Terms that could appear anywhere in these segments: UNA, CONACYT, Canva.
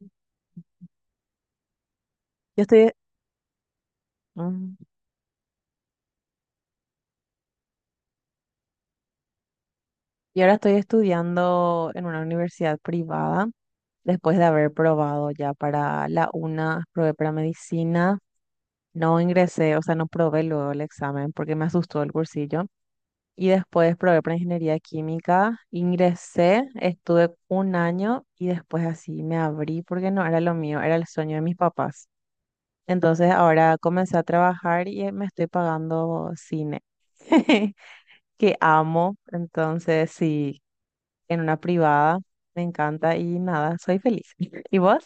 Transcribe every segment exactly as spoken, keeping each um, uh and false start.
Yo estoy, mm, y ahora estoy estudiando en una universidad privada, después de haber probado ya para la UNA, probé para medicina, no ingresé, o sea, no probé luego el examen porque me asustó el cursillo. Y después probé para ingeniería química, ingresé, estuve un año y después así me abrí porque no era lo mío, era el sueño de mis papás. Entonces ahora comencé a trabajar y eh, me estoy pagando cine. que amo. Entonces, sí, en una privada me encanta y nada, soy feliz. ¿Y vos?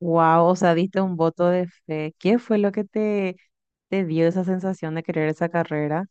Wow, o sea, diste un voto de fe. ¿Qué fue lo que te, te dio esa sensación de querer esa carrera?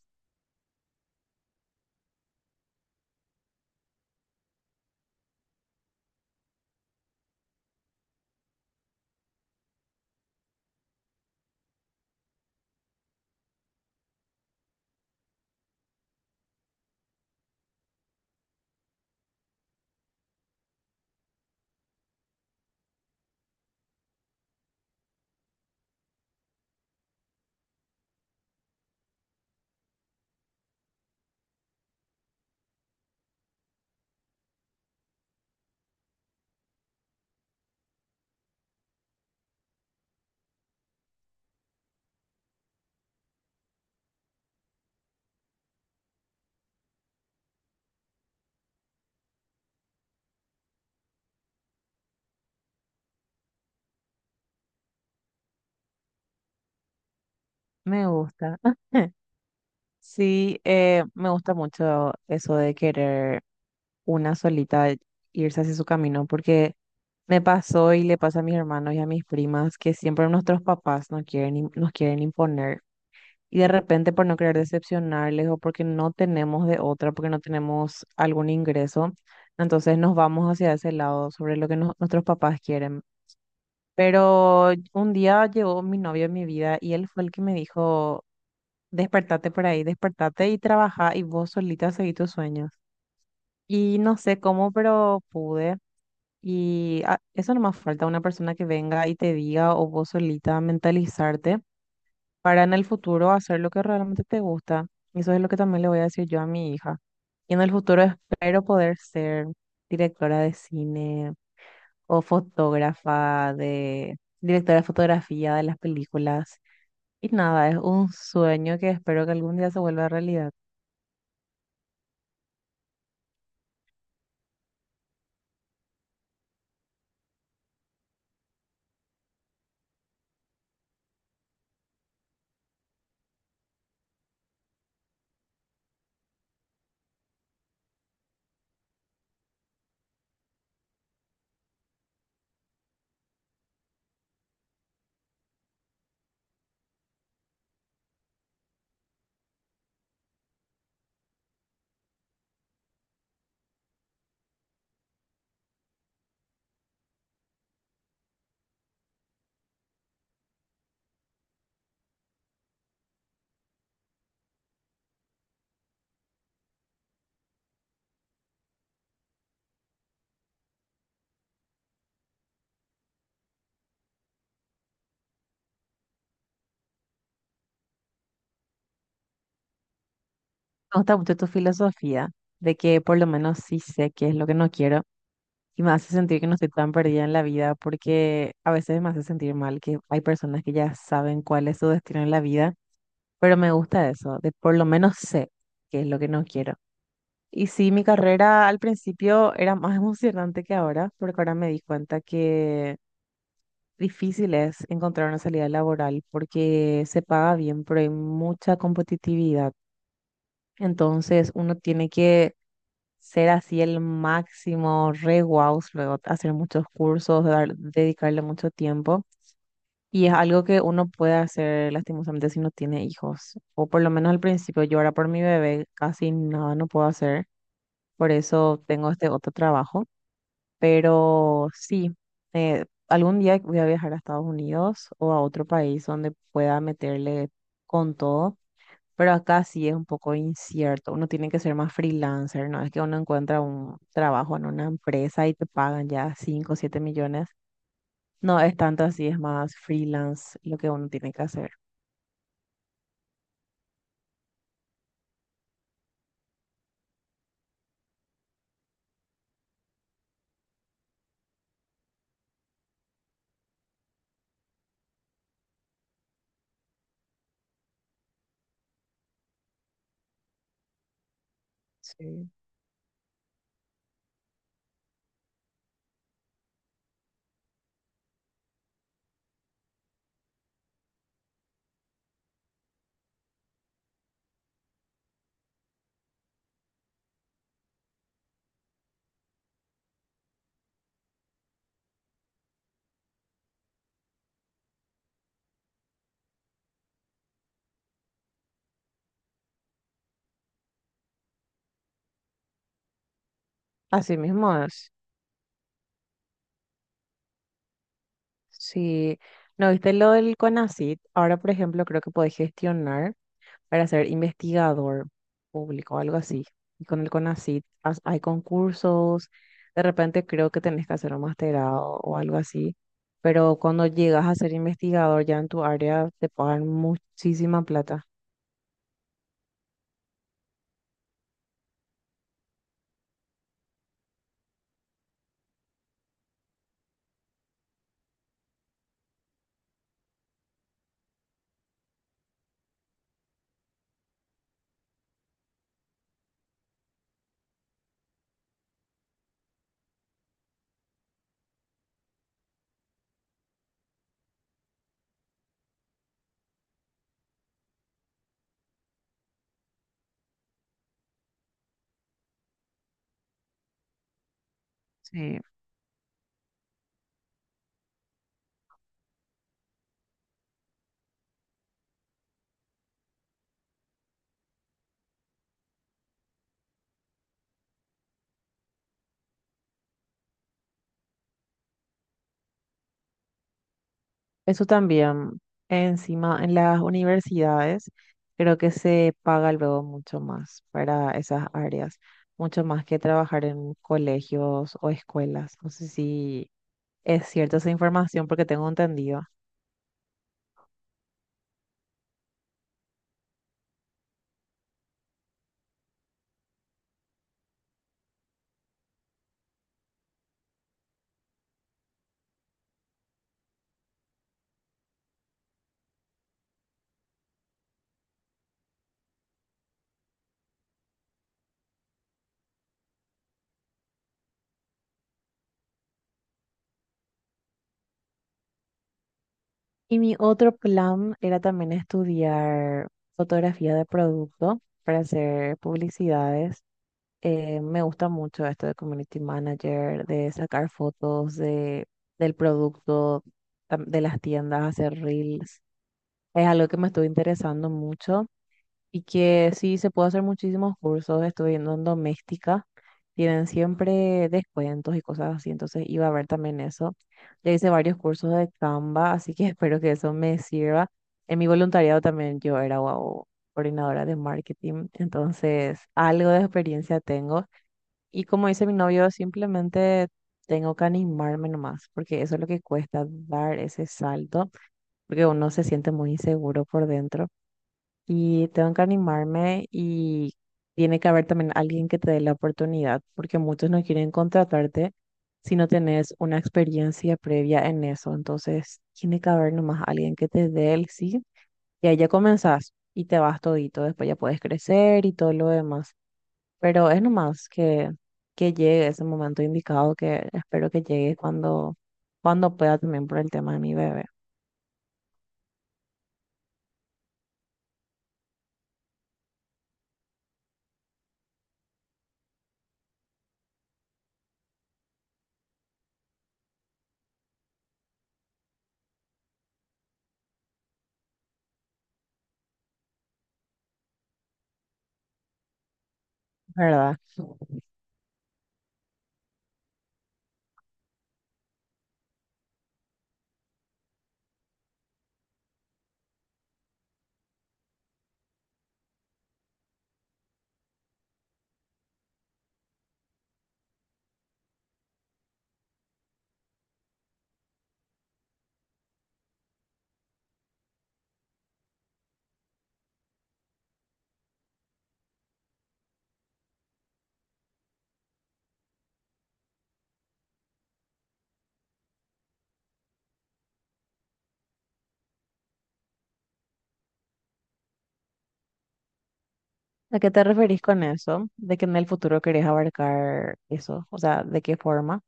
Me gusta. Sí, eh, me gusta mucho eso de querer una solita irse hacia su camino, porque me pasó y le pasa a mis hermanos y a mis primas que siempre nuestros papás nos quieren, im- nos quieren imponer. Y de repente por no querer decepcionarles o porque no tenemos de otra, porque no tenemos algún ingreso, entonces nos vamos hacia ese lado sobre lo que nos- nuestros papás quieren. Pero un día llegó mi novio en mi vida y él fue el que me dijo, despertate por ahí, despertate y trabaja y vos solita seguí tus sueños. Y no sé cómo, pero pude. Y ah, eso nomás falta una persona que venga y te diga o vos solita mentalizarte para en el futuro hacer lo que realmente te gusta. Y eso es lo que también le voy a decir yo a mi hija. Y en el futuro espero poder ser directora de cine o fotógrafa de, directora de fotografía de las películas. Y nada, es un sueño que espero que algún día se vuelva realidad. Me gusta mucho tu filosofía de que por lo menos sí sé qué es lo que no quiero. Y me hace sentir que no estoy tan perdida en la vida porque a veces me hace sentir mal que hay personas que ya saben cuál es su destino en la vida, pero me gusta eso, de por lo menos sé qué es lo que no quiero. Y sí, mi carrera al principio era más emocionante que ahora, porque ahora me di cuenta que difícil es encontrar una salida laboral porque se paga bien, pero hay mucha competitividad. Entonces uno tiene que ser así el máximo, re guau, luego hacer muchos cursos, dar- dedicarle mucho tiempo. Y es algo que uno puede hacer lastimosamente si no tiene hijos, o por lo menos al principio. Yo ahora por mi bebé casi nada no puedo hacer, por eso tengo este otro trabajo. Pero sí, eh, algún día voy a viajar a Estados Unidos o a otro país donde pueda meterle con todo, pero acá sí es un poco incierto. Uno tiene que ser más freelancer, ¿no? Es que uno encuentra un trabajo en una empresa y te pagan ya cinco, o 7 millones. No es tanto así, es más freelance lo que uno tiene que hacer. Sí. Así mismo es. Sí, ¿no viste lo del CONACYT? Ahora, por ejemplo, creo que podés gestionar para ser investigador público o algo así. Y con el CONACYT has- hay concursos, de repente creo que tenés que hacer un masterado o algo así, pero cuando llegas a ser investigador ya en tu área te pagan muchísima plata. Sí. Eso también, encima en las universidades, creo que se paga luego mucho más para esas áreas, mucho más que trabajar en colegios o escuelas. No sé si es cierta esa información porque tengo entendido. Y mi otro plan era también estudiar fotografía de producto para hacer publicidades, eh, me gusta mucho esto de community manager, de sacar fotos de, del producto, tam- de las tiendas, hacer reels. Es algo que me estuvo interesando mucho y que sí se puede hacer muchísimos cursos. Estuve viendo en doméstica, tienen siempre descuentos y cosas así, entonces iba a ver también eso. Ya hice varios cursos de Canva, así que espero que eso me sirva. En mi voluntariado también yo era wow, coordinadora de marketing, entonces algo de experiencia tengo. Y como dice mi novio, simplemente tengo que animarme nomás, porque eso es lo que cuesta dar ese salto, porque uno se siente muy inseguro por dentro. Y tengo que animarme y tiene que haber también alguien que te dé la oportunidad, porque muchos no quieren contratarte si no tenés una experiencia previa en eso. Entonces, tiene que haber nomás alguien que te dé el sí, y ahí ya comenzás y te vas todito, después ya puedes crecer y todo lo demás. Pero es nomás que, que llegue ese momento indicado que espero que llegue cuando, cuando pueda también por el tema de mi bebé, ¿verdad? ¿A qué te referís con eso? ¿De que en el futuro querés abarcar eso? O sea, ¿de qué forma?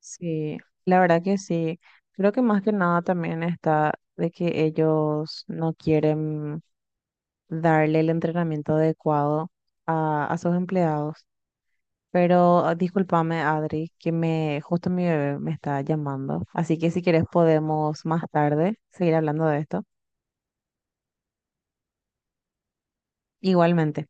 Sí, la verdad que sí. Creo que más que nada también está de que ellos no quieren darle el entrenamiento adecuado a, a sus empleados. Pero ah, discúlpame, Adri, que me justo mi bebé me está llamando. Así que si quieres podemos más tarde seguir hablando de esto. Igualmente.